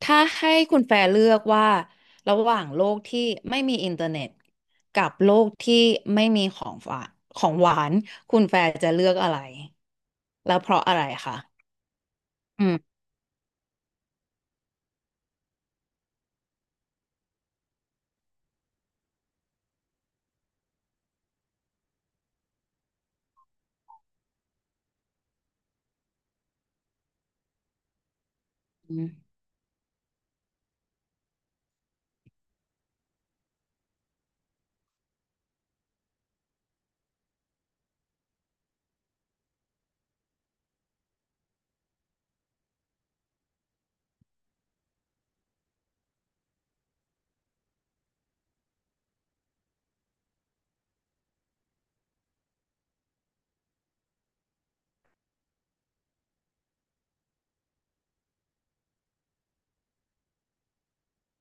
ถ้าให้คุณแฟร์เลือกว่าระหว่างโลกที่ไม่มีอินเทอร์เน็ตกับโลกที่ไม่มีของฝากของหวานคุณแฟร์จะเลือกอะไรแล้วเพราะอะไรคะอืม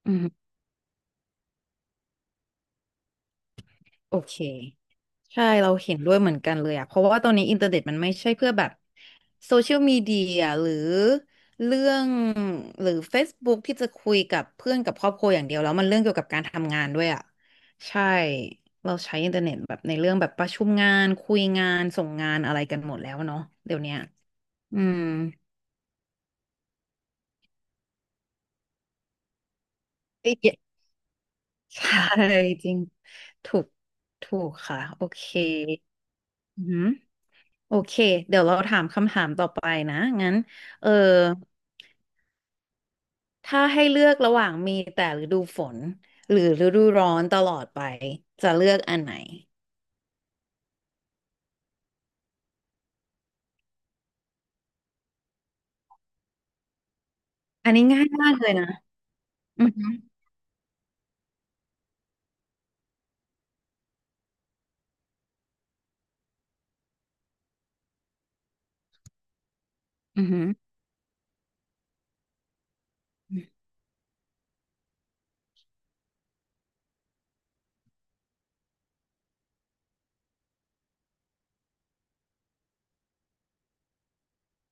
อืม โอเคใช่เราเห็นด้วยเหมือนกันเลยอะเพราะว่าตอนนี้อินเทอร์เน็ตมันไม่ใช่เพื่อแบบโซเชียลมีเดียหรือเรื่องหรือ Facebook ที่จะคุยกับเพื่อนกับครอบครัวอย่างเดียวแล้วมันเรื่องเกี่ยวกับการทำงานด้วยอะใช่เราใช้อินเทอร์เน็ตแบบในเรื่องแบบประชุมงานคุยงานส่งงานอะไรกันหมดแล้วเนาะเดี๋ยวเนี้ยอืม เอ้ยใช่จริงถูกถูกค่ะโอเคอืม โอเคเดี๋ยวเราถามคำถามต่อไปนะงั้นเออถ้าให้เลือกระหว่างมีแต่ฤดูฝนหรือฤดูร้อนตลอดไปจะเลือกอันไหนอันนี้ง่ายมากเลยนะอือหืออือหือ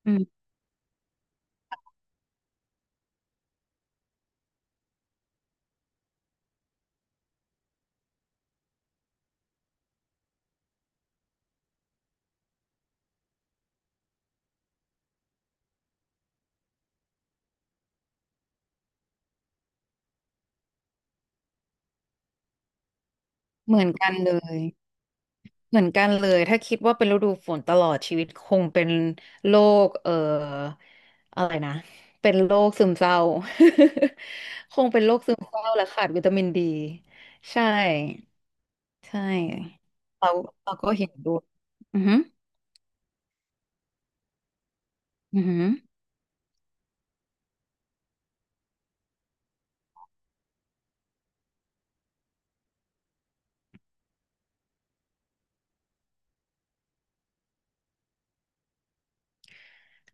อืมเหมือนกันเลยเหมือนกันเลยถ้าคิดว่าเป็นฤดูฝนตลอดชีวิตคงเป็นโรคอะไรนะเป็นโรคซึมเศร้า คงเป็นโรคซึมเศร้าและขาดวิตามินดีใช่ ใช่เราก็เห็นด้วยอือหืออือหือ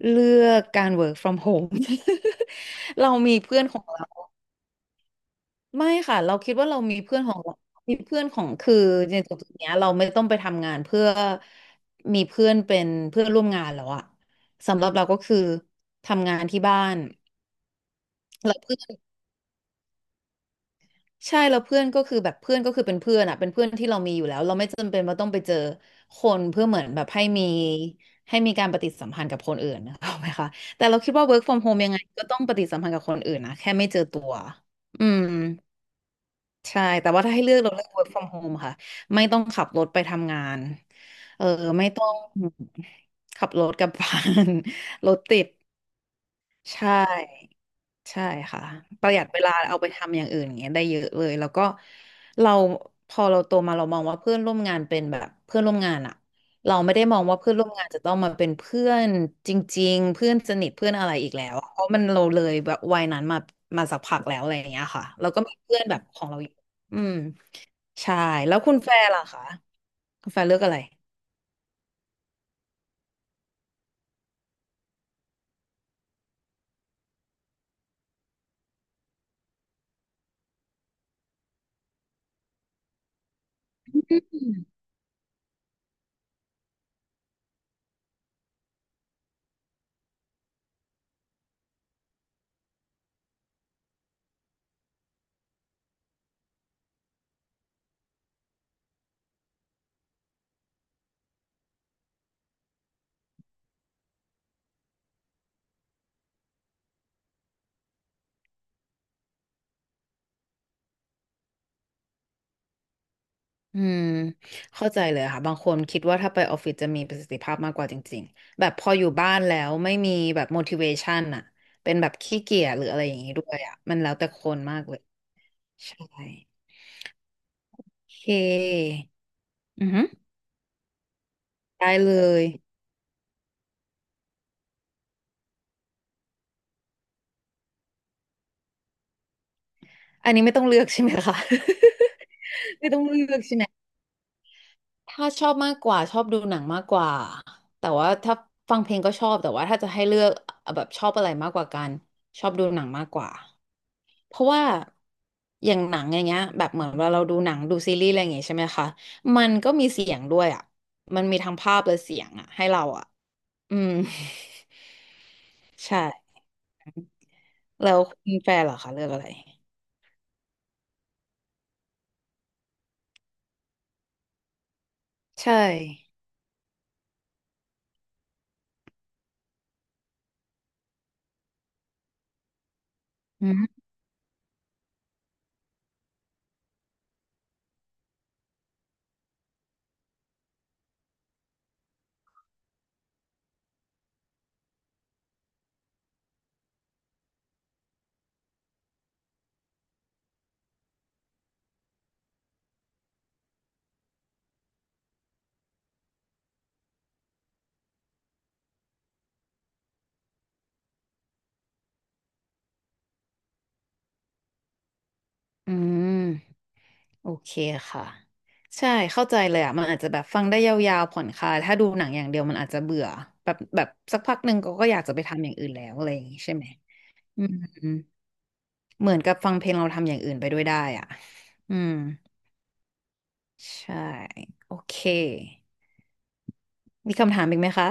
เลือกการ work from home เรามีเพื่อนของเราไม่ค่ะเราคิดว่าเรามีเพื่อนของเรามีเพื่อนของคือในจุดเนี้ยเราไม่ต้องไปทำงานเพื่อมีเพื่อนเป็นเพื่อนร่วมงานแล้วอะสำหรับเราก็คือทำงานที่บ้านแล้วเพื่อน ใช่แล้วเพื่อนก็คือแบบเพื่อนก็คือเป็นเพื่อนอ่ะเป็นเพื่อนที่เรามีอยู่แล้วเราไม่จำเป็นว่าต้องไปเจอคนเพื่อเหมือนแบบให้มีให้มีการปฏิสัมพันธ์กับคนอื่น นะเข้าไหมคะแต่เราคิดว่า work from home ยังไงก็ต้องปฏิสัมพันธ์กับคนอื่นนะแค่ไม่เจอตัวอืมใช่แต่ว่าถ้าให้เลือกเราเลือก work from home ค่ะไม่ต้องขับรถไปทำงานเออไม่ต้องขับรถกลับบ้าน รถติดใช่ ใช่ค่ะประหยัดเวลาเอาไปทำอย่างอื่นอย่างเงี้ยได้เยอะเลยแล้วก็เราพอเราโตมาเรามองว่าเพื่อนร่วมงานเป็นแบบเพื่อนร่วมงานอะเราไม่ได้มองว่าเพื่อนร่วมงานจะต้องมาเป็นเพื่อนจริงๆเพื่อนสนิทเพื่อนอะไรอีกแล้วอะเพราะมันเราเลยแบบวัยนั้นมามาสักพักแล้วอะไรอย่างเงี้ยค่ะเราก็มีเพื่อนแบบของเราอยู่อืมใช่แล้วคุณแฟร์ล่ะคะคุณแฟร์เลือกอะไร อืมเข้าใจเลยค่ะบางคนคิดว่าถ้าไปออฟฟิศจะมีประสิทธิภาพมากกว่าจริงๆแบบพออยู่บ้านแล้วไม่มีแบบ motivation อะเป็นแบบขี้เกียจหรืออะไรอย่างนี้ด้วยอะมันแล้วแต่คนมากเลยใช่โอเคอือหือได้เลยอันนี้ไม่ต้องเลือกใช่ไหมคะ ไม่ต้องเลือกใช่ไหม ถ้าชอบมากกว่าชอบดูหนังมากกว่าแต่ว่าถ้าฟังเพลงก็ชอบแต่ว่าถ้าจะให้เลือกแบบชอบอะไรมากกว่ากันชอบดูหนังมากกว่าเพราะว่าอย่างหนังอย่างเงี้ยแบบเหมือนเวลาเราดูหนังดูซีรีส์อะไรอย่างเงี้ยใช่ไหมคะมันก็มีเสียงด้วยอ่ะมันมีทั้งภาพและเสียงอ่ะให้เราอ่ะอืม ใช่แล้วคุณแฟนเหรอคะเลือกอะไรใช่อืมอืม โอเคค่ะใช่เข้าใจเลยอ่ะมันอาจจะแบบฟังได้ยาวๆผ่อนคลายถ้าดูหนังอย่างเดียวมันอาจจะเบื่อแบบสักพักหนึ่งก็ก็อยากจะไปทำอย่างอื่นแล้วอะไรอย่างงี้ใช่ไหมอืมอืมเหมือนกับฟังเพลงเราทำอย่างอื่นไปด้วยได้อ่ะอืมใช่โอเคมีคำถามอีกไหมคะ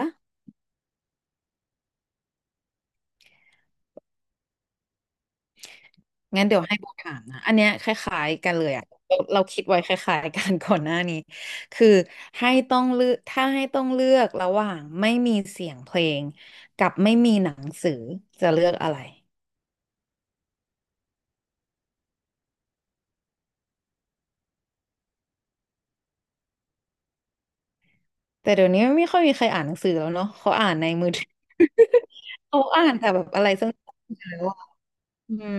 งั้นเดี๋ยวให้โบถามนะอันเนี้ยคล้ายๆกันเลยอะเราคิดไว้คล้ายๆกันก่อนหน้านี้คือให้ต้องเลือกถ้าให้ต้องเลือกระหว่างไม่มีเสียงเพลงกับไม่มีหนังสือจะเลือกอะไรแต่เดี๋ยวนี้ไม่ค่อยมีใครอ่านหนังสือแล้วเนาะเขาอ่านในมือถือ เขาอ่านแต่แบบอะไรสักอย่างแล้วอะอืม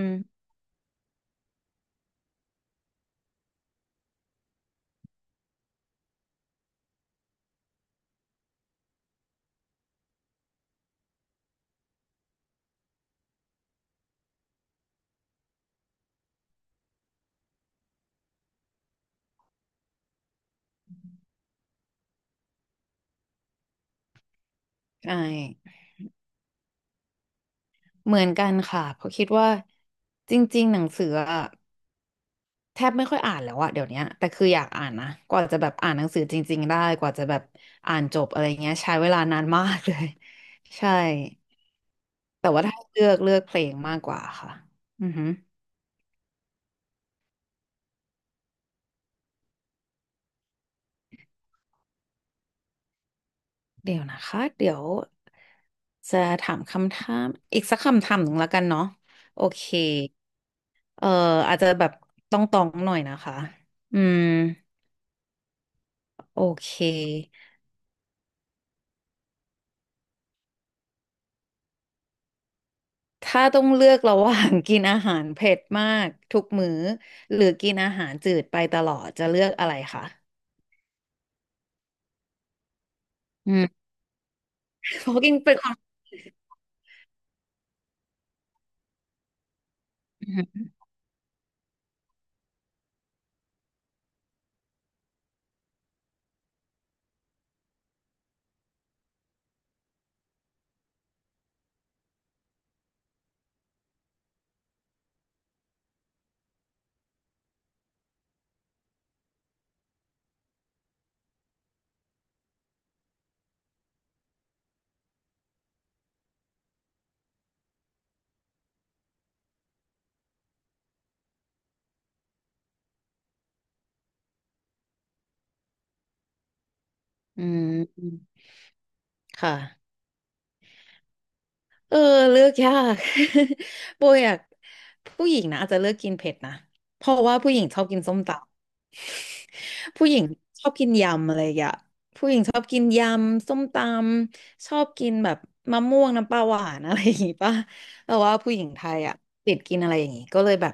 ใช่เหมือนกันค่ะเพราะคิดว่าจริงๆหนังสืออะ แทบไม่ค่อยอ่านแล้วอะเดี๋ยวเนี้ยแต่คืออยากอ่านนะกว่าจะแบบอ่านหนังสือจริงๆได้กว่าจะแบบอ่านจบอะไรเงี้ยใช้เวลานานมากเลย ใช่แต่ว่าถ้าเลือกเลือกเพลงมากกว่าค่ะอือฮึเดี๋ยวนะคะเดี๋ยวจะถามคำถามอีกสักคำถามหนึ่งแล้วกันเนาะโอเคเอ่ออาจจะแบบต้องตองๆหน่อยนะคะอืมโอเค ถ้าต้องเลือกระหว่างกินอาหารเผ็ดมากทุกมื้อหรือกินอาหารจืดไปตลอดจะเลือกอะไรคะ อืม เพราะกินเป็นคนอืมอืมค่ะเออเลือกยาก โบอยากผู้หญิงนะอาจจะเลือกกินเผ็ดนะเพราะว่าผู้หญิงชอบกินส้มตำ ผู้หญิงชอบกินยำอะไรอย่างเงี้ยผู้หญิงชอบกินยำส้มตำชอบกินแบบมะม่วงน้ำปลาหวานอะไรอย่างงี้ป่ะแต่ว่าผู้หญิงไทยอ่ะติดกินอะไรอย่างงี้ก็เลยแบบ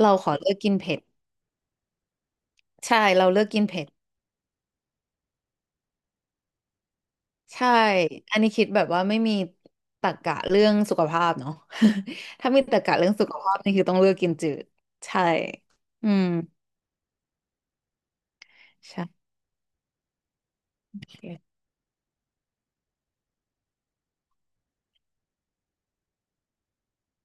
เราขอเลือกกินเผ็ดใช่เราเลือกกินเผ็ดใช่ อันนี้คิดแบบว่าไม่มีตรรกะเรื่องสุขภาพเนาะ ถ้ามีตรรกะเรื่องสุขภาพนี่คือต้องเลือกกินจืดใช่อืมใช่